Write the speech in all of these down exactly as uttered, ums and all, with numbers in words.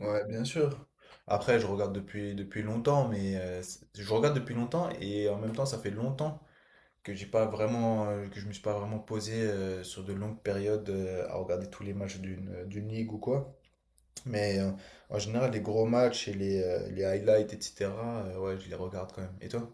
Ouais, bien sûr. Après, je regarde depuis, depuis longtemps, mais euh, c'est- je regarde depuis longtemps et en même temps, ça fait longtemps que j'ai pas vraiment, euh, que je me suis pas vraiment posé euh, sur de longues périodes euh, à regarder tous les matchs d'une euh, d'une ligue ou quoi. Mais euh, en général, les gros matchs et les, euh, les highlights, et cetera, euh, ouais, je les regarde quand même. Et toi?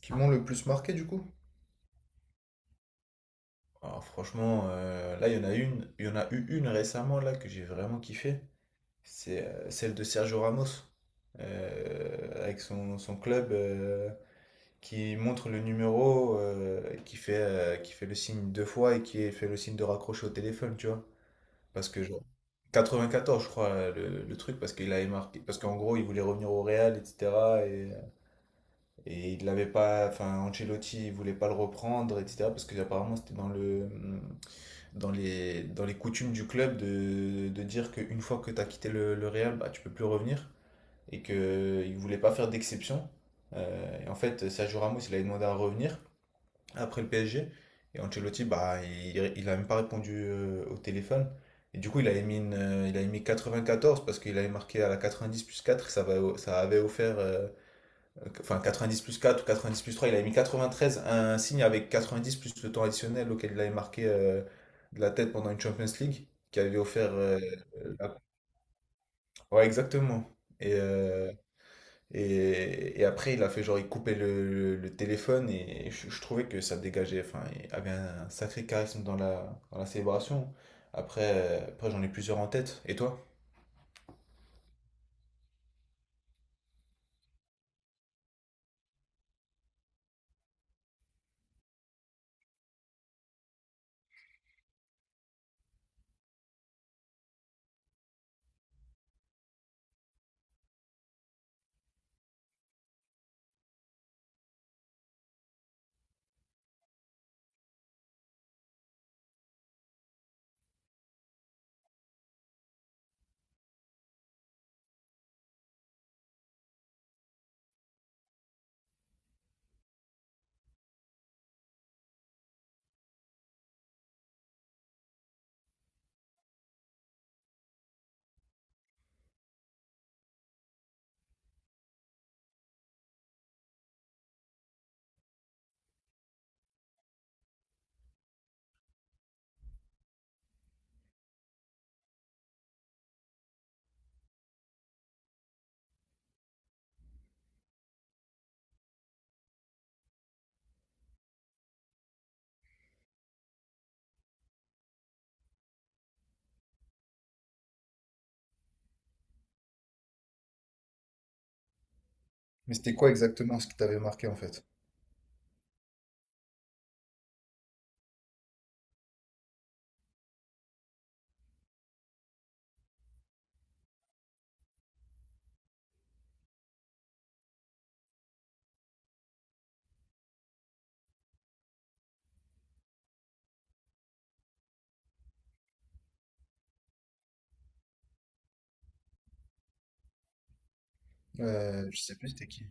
Qui m'ont le plus marqué du coup? Alors franchement, euh, là, il y en a une, il y en a eu une récemment là que j'ai vraiment kiffé. C'est euh, celle de Sergio Ramos, euh, avec son, son club euh, qui montre le numéro, euh, qui fait, euh, qui fait le signe deux fois et qui fait le signe de raccrocher au téléphone, tu vois. Parce que, genre, quatre-vingt-quatorze je crois, le, le truc, parce qu'il avait marqué. Parce qu'en gros, il voulait revenir au Real, et cetera. Et, et il l'avait pas. Enfin, Ancelotti, il voulait pas le reprendre, et cetera. Parce que, apparemment, c'était dans le, dans les, dans les coutumes du club de, de dire qu'une fois que tu as quitté le, le Real, bah, tu peux plus revenir et qu'il ne voulait pas faire d'exception. Euh, et en fait, Sergio Ramos, il avait demandé à revenir après le P S G. Et Ancelotti, bah, il, il a même pas répondu euh, au téléphone. Et du coup, il avait mis, une, euh, il avait mis quatre-vingt-quatorze parce qu'il avait marqué à la quatre-vingt-dix plus quatre. Ça, va- ça avait offert, euh, enfin quatre-vingt-dix plus quatre ou quatre-vingt-dix plus trois. Il avait mis quatre-vingt-treize, un signe avec quatre-vingt-dix plus le temps additionnel auquel il avait marqué euh, de la tête pendant une Champions League qui avait offert. euh, la- Ouais, exactement. Et, euh, et, et après, il a fait genre, il coupait le, le- le téléphone et je, je trouvais que ça dégageait. Enfin, il avait un sacré charisme dans la, dans la célébration. Après, euh, après j'en ai plusieurs en tête. Et toi? Mais c'était quoi exactement ce qui t'avait marqué en fait? Euh, je sais plus c'était qui.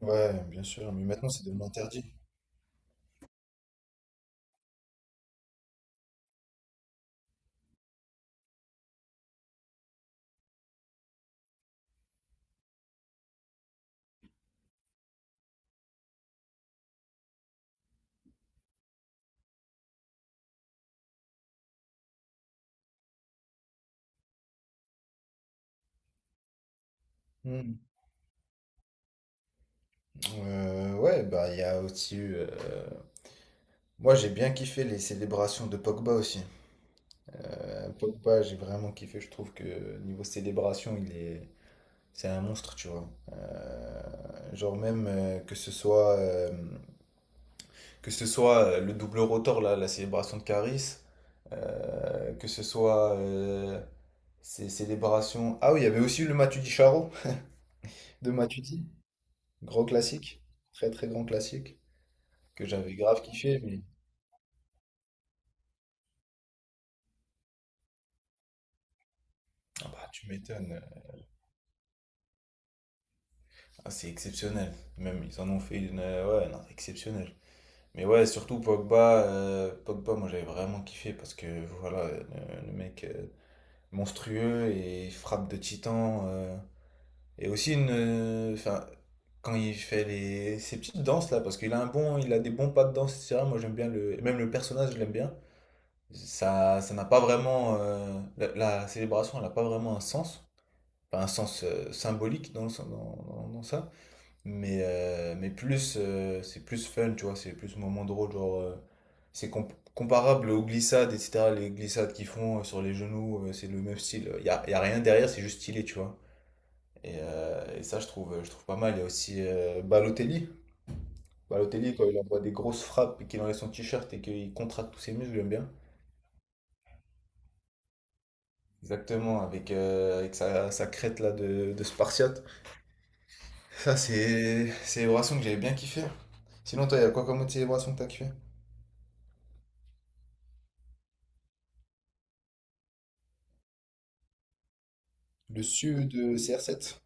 Ouais, bien sûr, mais maintenant c'est devenu interdit. Hmm. Euh, ouais, bah il y a aussi eu. euh, Moi j'ai bien kiffé les célébrations de Pogba aussi. Euh, Pogba, j'ai vraiment kiffé, je trouve que niveau célébration, il est, c'est un monstre, tu vois. Euh, genre même euh, que ce soit euh, que ce soit euh, le double rotor là, la célébration de Caris, euh, que ce soit euh, ces célébrations. Ah oui, il y avait aussi le Matuidi Charo de Matuidi, gros classique, très très grand classique que j'avais grave kiffé, mais ah bah, tu m'étonnes. Ah, c'est exceptionnel. Même ils en ont fait une euh, ouais, non, exceptionnelle. Mais ouais, surtout Pogba, euh, Pogba, moi j'avais vraiment kiffé parce que voilà, euh, le mec euh, monstrueux et frappe de titan. Euh, et aussi une. euh, Enfin, quand il fait les, ses petites danses là, parce qu'il a un bon, il a des bons pas de danse, et cetera. Moi j'aime bien le. Même le personnage, je l'aime bien. Ça, ça n'a pas vraiment. euh, la, la célébration, elle n'a pas vraiment un sens. Enfin, un sens euh, symbolique dans, le dans, dans- dans ça. Mais, euh, mais plus, euh, c'est plus fun, tu vois, c'est plus moment drôle, genre, euh, c'est com- comparable aux glissades, et cetera. Les glissades qu'ils font euh, sur les genoux, euh, c'est le même style. Il y a, y a rien derrière, c'est juste stylé, tu vois. Et, euh, et ça, je trouve, je trouve pas mal. Il y a aussi euh, Balotelli. Balotelli, quand il envoie des grosses frappes et qu'il enlève son t-shirt et qu'il contracte tous ses muscles, j'aime bien. Exactement, avec, euh, avec sa, sa crête là de, de Spartiate. Ça, c'est c'est une célébration que j'avais bien kiffé. Sinon, toi, il y a quoi comme autre célébration que t'as kiffé? Le C E de C R sept?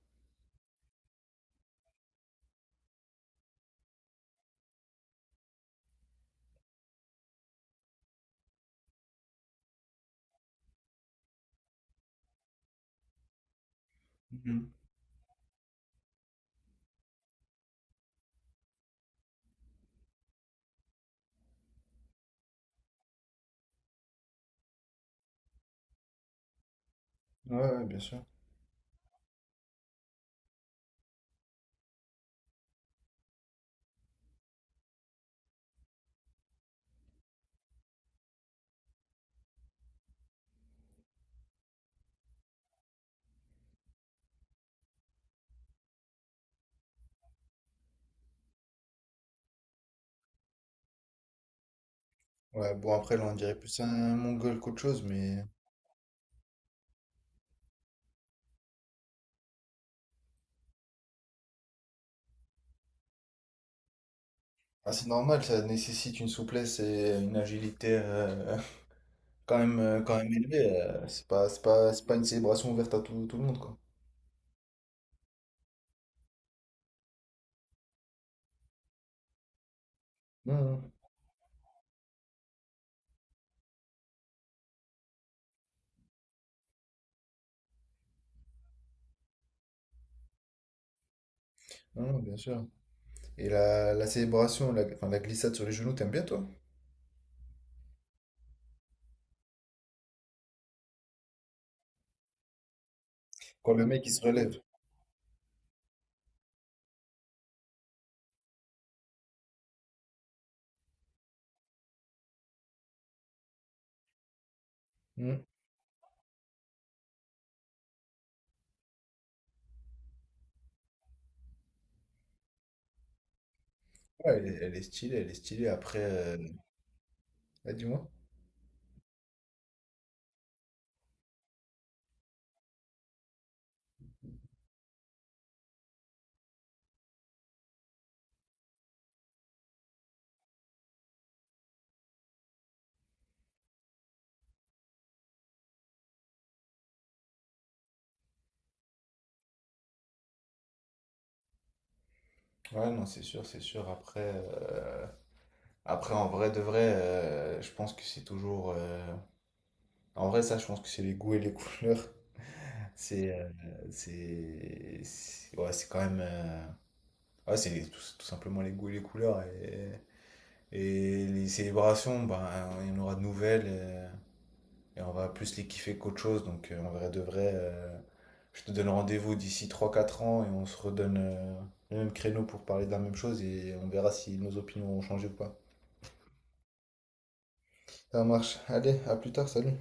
Mhm. Ouais, ouais, bien sûr. Ouais, bon, après, là, on dirait plus un mongol qu'autre chose, mais ah, c'est normal, ça nécessite une souplesse et une agilité euh, quand même, euh, quand même élevée. Euh, c'est pas, c'est pas, c'est pas une célébration ouverte à tout, tout le monde, quoi. Non, non, non, bien sûr. Et la, la célébration, la, enfin, la glissade sur les genoux, t'aimes bien, toi? Quand le mec, il se relève. Hmm. Ouais, elle est, elle est stylée, elle est stylée. Après, euh, ah, dis-moi. Ouais, non, c'est sûr, c'est sûr. Après, euh, Après, en vrai de vrai, euh, je pense que c'est toujours. euh, En vrai, ça, je pense que c'est les goûts et les couleurs. C'est. euh, c'est. c'est- Ouais, c'est quand même. euh, Ouais, c'est tout, tout simplement les goûts et les couleurs. Et, et les célébrations, ben, il y en aura de nouvelles. euh, Et, on va plus les kiffer qu'autre chose. Donc, euh, en vrai de vrai, euh, je te donne rendez-vous d'ici trois quatre ans et on se redonne euh, le même créneau pour parler de la même chose et on verra si nos opinions ont changé ou pas. Ça marche. Allez, à plus tard, salut.